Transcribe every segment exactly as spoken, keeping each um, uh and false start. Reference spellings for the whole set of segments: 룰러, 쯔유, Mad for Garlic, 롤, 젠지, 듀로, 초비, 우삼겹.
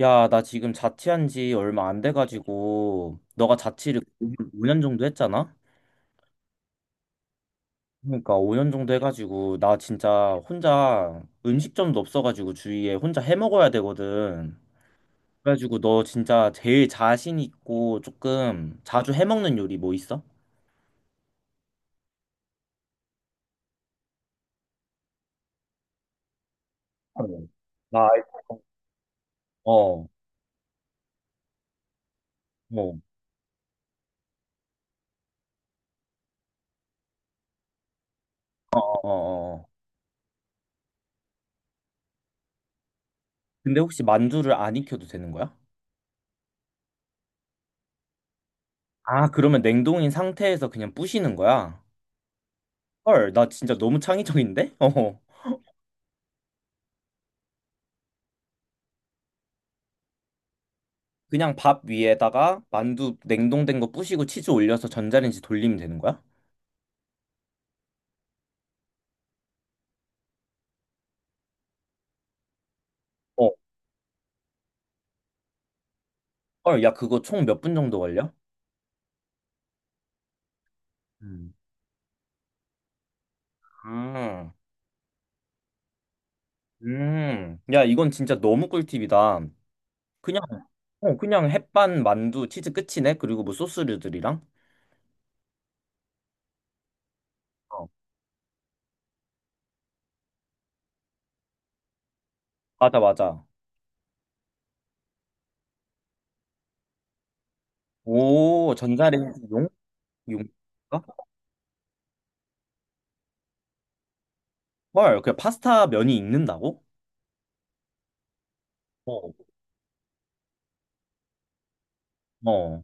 야, 나 지금 자취한 지 얼마 안 돼가지고, 너가 자취를 오 년 정도 했잖아? 그러니까 오 년 정도 해가지고, 나 진짜 혼자 음식점도 없어가지고 주위에 혼자 해 먹어야 되거든. 그래가지고 너 진짜 제일 자신 있고 조금 자주 해 먹는 요리 뭐 있어? 어, 나 어, 뭐, 어, 어, 어, 어. 근데 혹시 만두를 안 익혀도 되는 거야? 아, 그러면 냉동인 상태에서 그냥 부시는 거야? 헐, 나 진짜 너무 창의적인데? 어. 그냥 밥 위에다가 만두 냉동된 거 부시고 치즈 올려서 전자레인지 돌리면 되는 거야? 어. 헐, 야, 그거 총 몇 분 정도 걸려? 음. 아, 음. 야, 이건 진짜 너무 꿀팁이다. 그냥, 어, 그냥 햇반, 만두, 치즈 끝이네? 그리고 뭐 소스류들이랑? 어. 맞아, 맞아. 오, 전자레인지 용? 용? 가 헐, 그냥 파스타 면이 익는다고? 어. 어.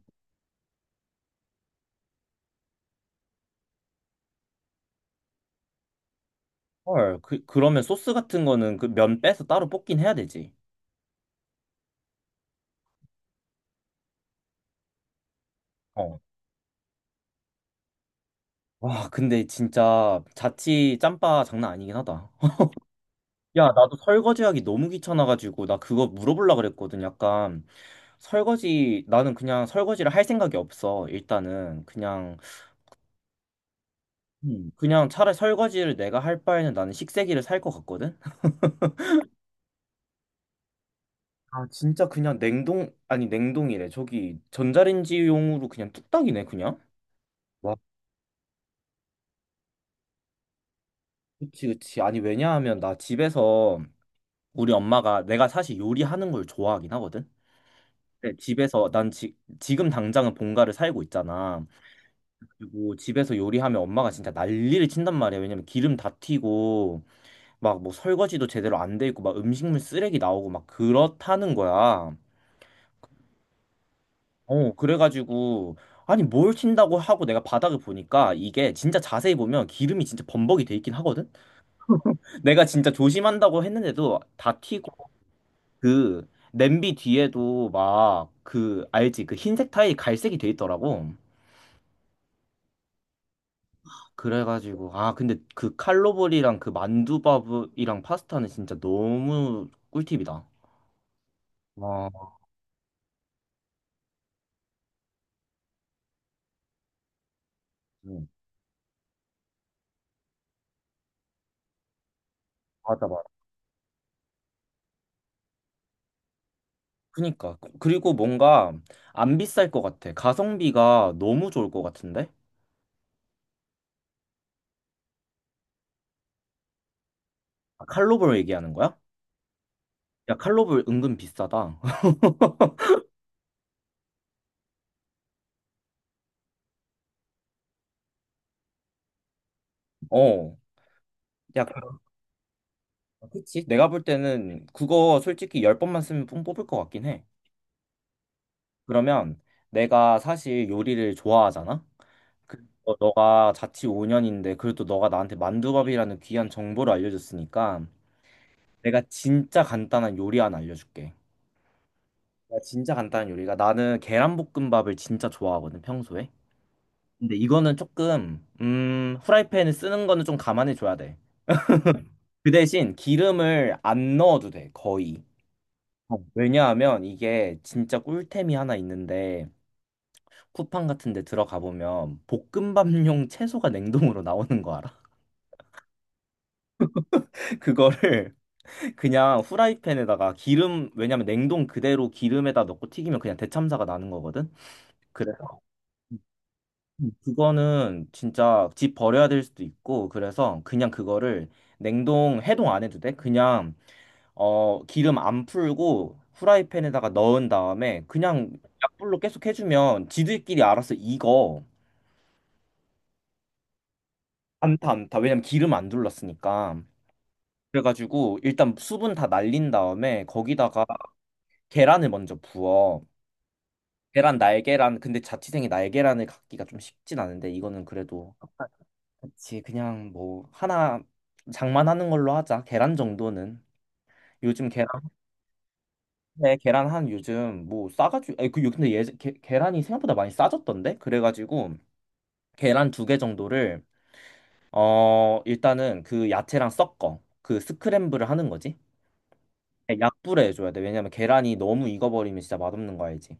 헐, 그, 그러면 소스 같은 거는 그 면 빼서 따로 볶긴 해야 되지. 어. 와, 근데 진짜 자취 짬바 장난 아니긴 하다. 야, 나도 설거지하기 너무 귀찮아가지고 나 그거 물어보려고 그랬거든. 약간 설거지 나는 그냥 설거지를 할 생각이 없어. 일단은 그냥 음, 그냥 차라리 설거지를 내가 할 바에는 나는 식세기를 살 것 같거든. 아, 진짜 그냥 냉동 아니 냉동이래. 저기 전자레인지용으로 그냥 뚝딱이네, 그냥. 와, 그치, 그치. 아니, 왜냐하면 나 집에서 우리 엄마가 내가 사실 요리하는 걸 좋아하긴 하거든. 네, 집에서 난 지, 지금 당장은 본가를 살고 있잖아. 그리고 집에서 요리하면 엄마가 진짜 난리를 친단 말이야. 왜냐면 기름 다 튀고 막 뭐 설거지도 제대로 안 돼 있고 막 음식물 쓰레기 나오고 막 그렇다는 거야. 어, 그래가지고 아니 뭘 친다고 하고 내가 바닥을 보니까 이게 진짜 자세히 보면 기름이 진짜 범벅이 돼 있긴 하거든. 내가 진짜 조심한다고 했는데도 다 튀고 그 냄비 뒤에도 막 그 알지? 그 흰색 타일이 갈색이 돼 있더라고. 그래가지고 아 근데 그 칼로벌이랑 그 만두밥이랑 파스타는 진짜 너무 꿀팁이다. 와, 음, 맞아, 맞아. 그니까 그리고 뭔가 안 비쌀 것 같아. 가성비가 너무 좋을 것 같은데? 아, 칼로벌 얘기하는 거야? 야 칼로벌 은근 비싸다. 어, 야 그- 그치? 내가 볼 때는 그거 솔직히 열 번만 쓰면 뽕 뽑을 것 같긴 해. 그러면 내가 사실 요리를 좋아하잖아. 그- 어, 너가 자취 오 년인데 그래도 너가 나한테 만두밥이라는 귀한 정보를 알려줬으니까 내가 진짜 간단한 요리 하나 알려줄게. 내가 진짜 간단한 요리가 나는 계란볶음밥을 진짜 좋아하거든 평소에. 근데 이거는 조금 음 후라이팬을 쓰는 거는 좀 감안해 줘야 돼. 그 대신 기름을 안 넣어도 돼 거의. 어, 왜냐하면 이게 진짜 꿀템이 하나 있는데 쿠팡 같은 데 들어가 보면 볶음밥용 채소가 냉동으로 나오는 거 알아? 그거를 그냥 후라이팬에다가 기름, 왜냐면 냉동 그대로 기름에다 넣고 튀기면 그냥 대참사가 나는 거거든. 그래서 음, 그거는 진짜 집 버려야 될 수도 있고, 그래서 그냥 그거를 냉동 해동 안 해도 돼. 그냥 어, 기름 안 풀고 후라이팬에다가 넣은 다음에 그냥 약불로 계속 해주면 지들끼리 알아서 익어. 안타 안타. 왜냐면 기름 안 둘렀으니까. 그래가지고 일단 수분 다 날린 다음에 거기다가 계란을 먼저 부어. 계란 날계란 근데 자취생이 날계란을 갖기가 좀 쉽진 않은데 이거는 그래도 그치 그냥 뭐 하나 장만하는 걸로 하자 계란 정도는 요즘 계란 네, 계란 한 요즘 뭐 싸가지고 아니, 그 요- 근데 예 게, 계란이 생각보다 많이 싸졌던데 그래가지고 계란 두 개 정도를 어 일단은 그 야채랑 섞어 그 스크램블을 하는 거지 네, 약불에 해줘야 돼 왜냐면 계란이 너무 익어버리면 진짜 맛없는 거 알지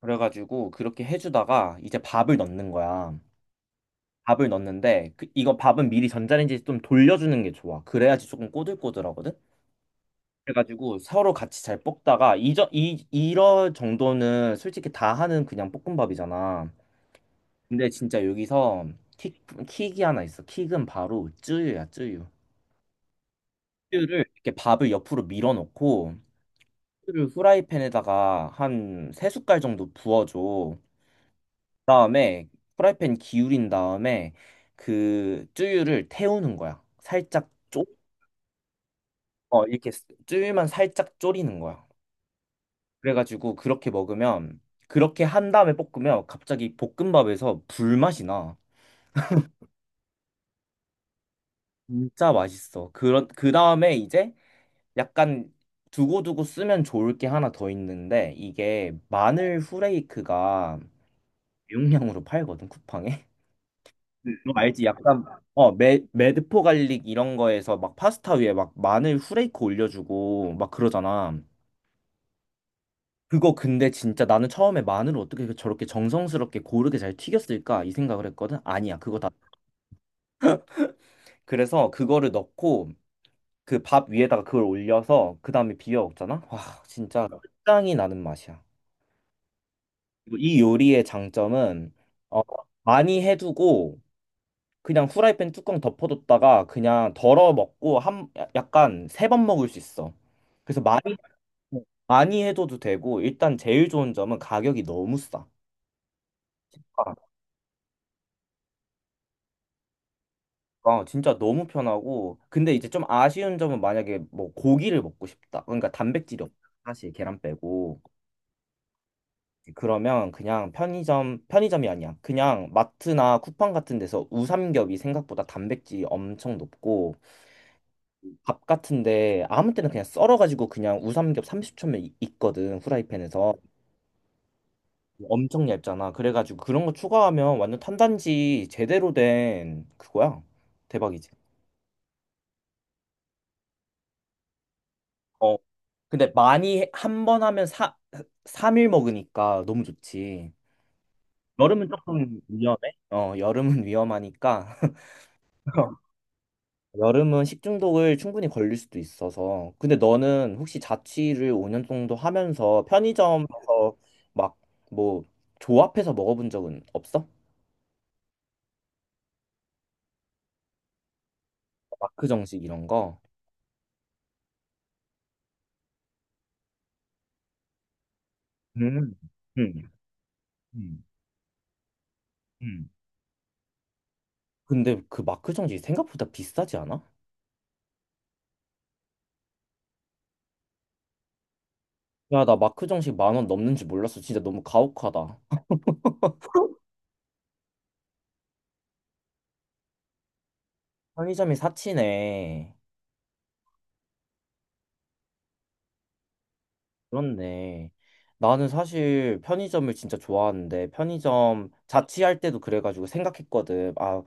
그래가지고 그렇게 해주다가 이제 밥을 넣는 거야 밥을 넣는데 그- 이거 밥은 미리 전자레인지에 좀 돌려주는 게 좋아. 그래야지 조금 꼬들꼬들하거든. 그래가지고 서로 같이 잘 볶다가 이저 이 이런 정도는 솔직히 다 하는 그냥 볶음밥이잖아. 근데 진짜 여기서 킥 킥이 하나 있어. 킥은 바로 쯔유야, 쯔유. 쯔유를 이렇게 밥을 옆으로 밀어놓고 쯔유를 후라이팬에다가 한 세 숟갈 정도 부어줘. 그다음에 후라이팬 기울인 다음에 그 쯔유를 태우는 거야. 살짝 어, 이렇게 쯔위만 살짝 졸이는 거야. 그래가지고 그렇게 먹으면 그렇게 한 다음에 볶으면 갑자기 볶음밥에서 불맛이 나. 진짜 맛있어. 그런 그 다음에 이제 약간 두고두고 쓰면 좋을 게 하나 더 있는데 이게 마늘 후레이크가 용량으로 팔거든 쿠팡에. 너 알지? 약간 어 매, 매드포 갈릭 이런 거에서 막 파스타 위에 막 마늘 후레이크 올려주고 막 그러잖아. 그거 근데 진짜 나는 처음에 마늘을 어떻게 그 저렇게 정성스럽게 고르게 잘 튀겼을까 이 생각을 했거든. 아니야, 그거 다. 그래서 그거를 넣고 그 밥 위에다가 그걸 올려서 그 다음에 비벼 먹잖아. 와, 진짜 끝장이 나는 맛이야. 그리고 이 요리의 장점은 어, 많이 해두고 그냥 후라이팬 뚜껑 덮어뒀다가 그냥 덜어 먹고 한 야- 약간 세 번 먹을 수 있어. 그래서 많이 많이 해둬도 되고 일단 제일 좋은 점은 가격이 너무 싸. 아, 진짜 너무 편하고 근데 이제 좀 아쉬운 점은 만약에 뭐 고기를 먹고 싶다. 그러니까 단백질이 없다. 사실 계란 빼고 그러면 그냥 편의점 편의점이 아니야. 그냥 마트나 쿠팡 같은 데서 우삼겹이 생각보다 단백질이 엄청 높고 밥 같은데 아무 때나 그냥 썰어가지고 그냥 우삼겹 삼십 초면 있거든 후라이팬에서 엄청 얇잖아. 그래가지고 그런 거 추가하면 완전 탄단지 제대로 된 그거야. 대박이지. 근데 많이 한 번 하면 사, 삼 일 먹으니까 너무 좋지. 여름은 조금 위험해? 어, 여름은 위험하니까. 여름은 식중독을 충분히 걸릴 수도 있어서. 근데 너는 혹시 자취를 오 년 정도 하면서 편의점에서 막 뭐 조합해서 먹어본 적은 없어? 마크 정식 이런 거? 음, 음, 음, 음. 근데 그 마크 정식 생각보다 비싸지 않아? 야, 나 마크 정식 만 원 넘는 줄 몰랐어. 진짜 너무 가혹하다. 편의점이 사치네. 그렇네. 나는 사실 편의점을 진짜 좋아하는데 편의점 자취할 때도 그래가지고 생각했거든. 아,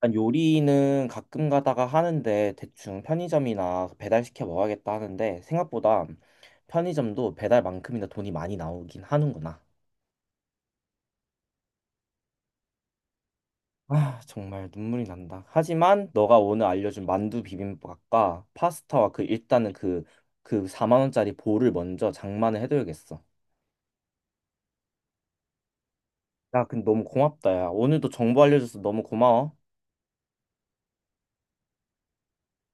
난 요리는 가끔 가다가 하는데 대충 편의점이나 배달시켜 먹어야겠다 하는데 생각보다 편의점도 배달만큼이나 돈이 많이 나오긴 하는구나. 아, 정말 눈물이 난다. 하지만 너가 오늘 알려준 만두 비빔밥과 파스타와 그 일단은 그 그 사만 원짜리 볼을 먼저 장만을 해둬야겠어. 야, 근데 너무 고맙다, 야. 오늘도 정보 알려줘서 너무 고마워.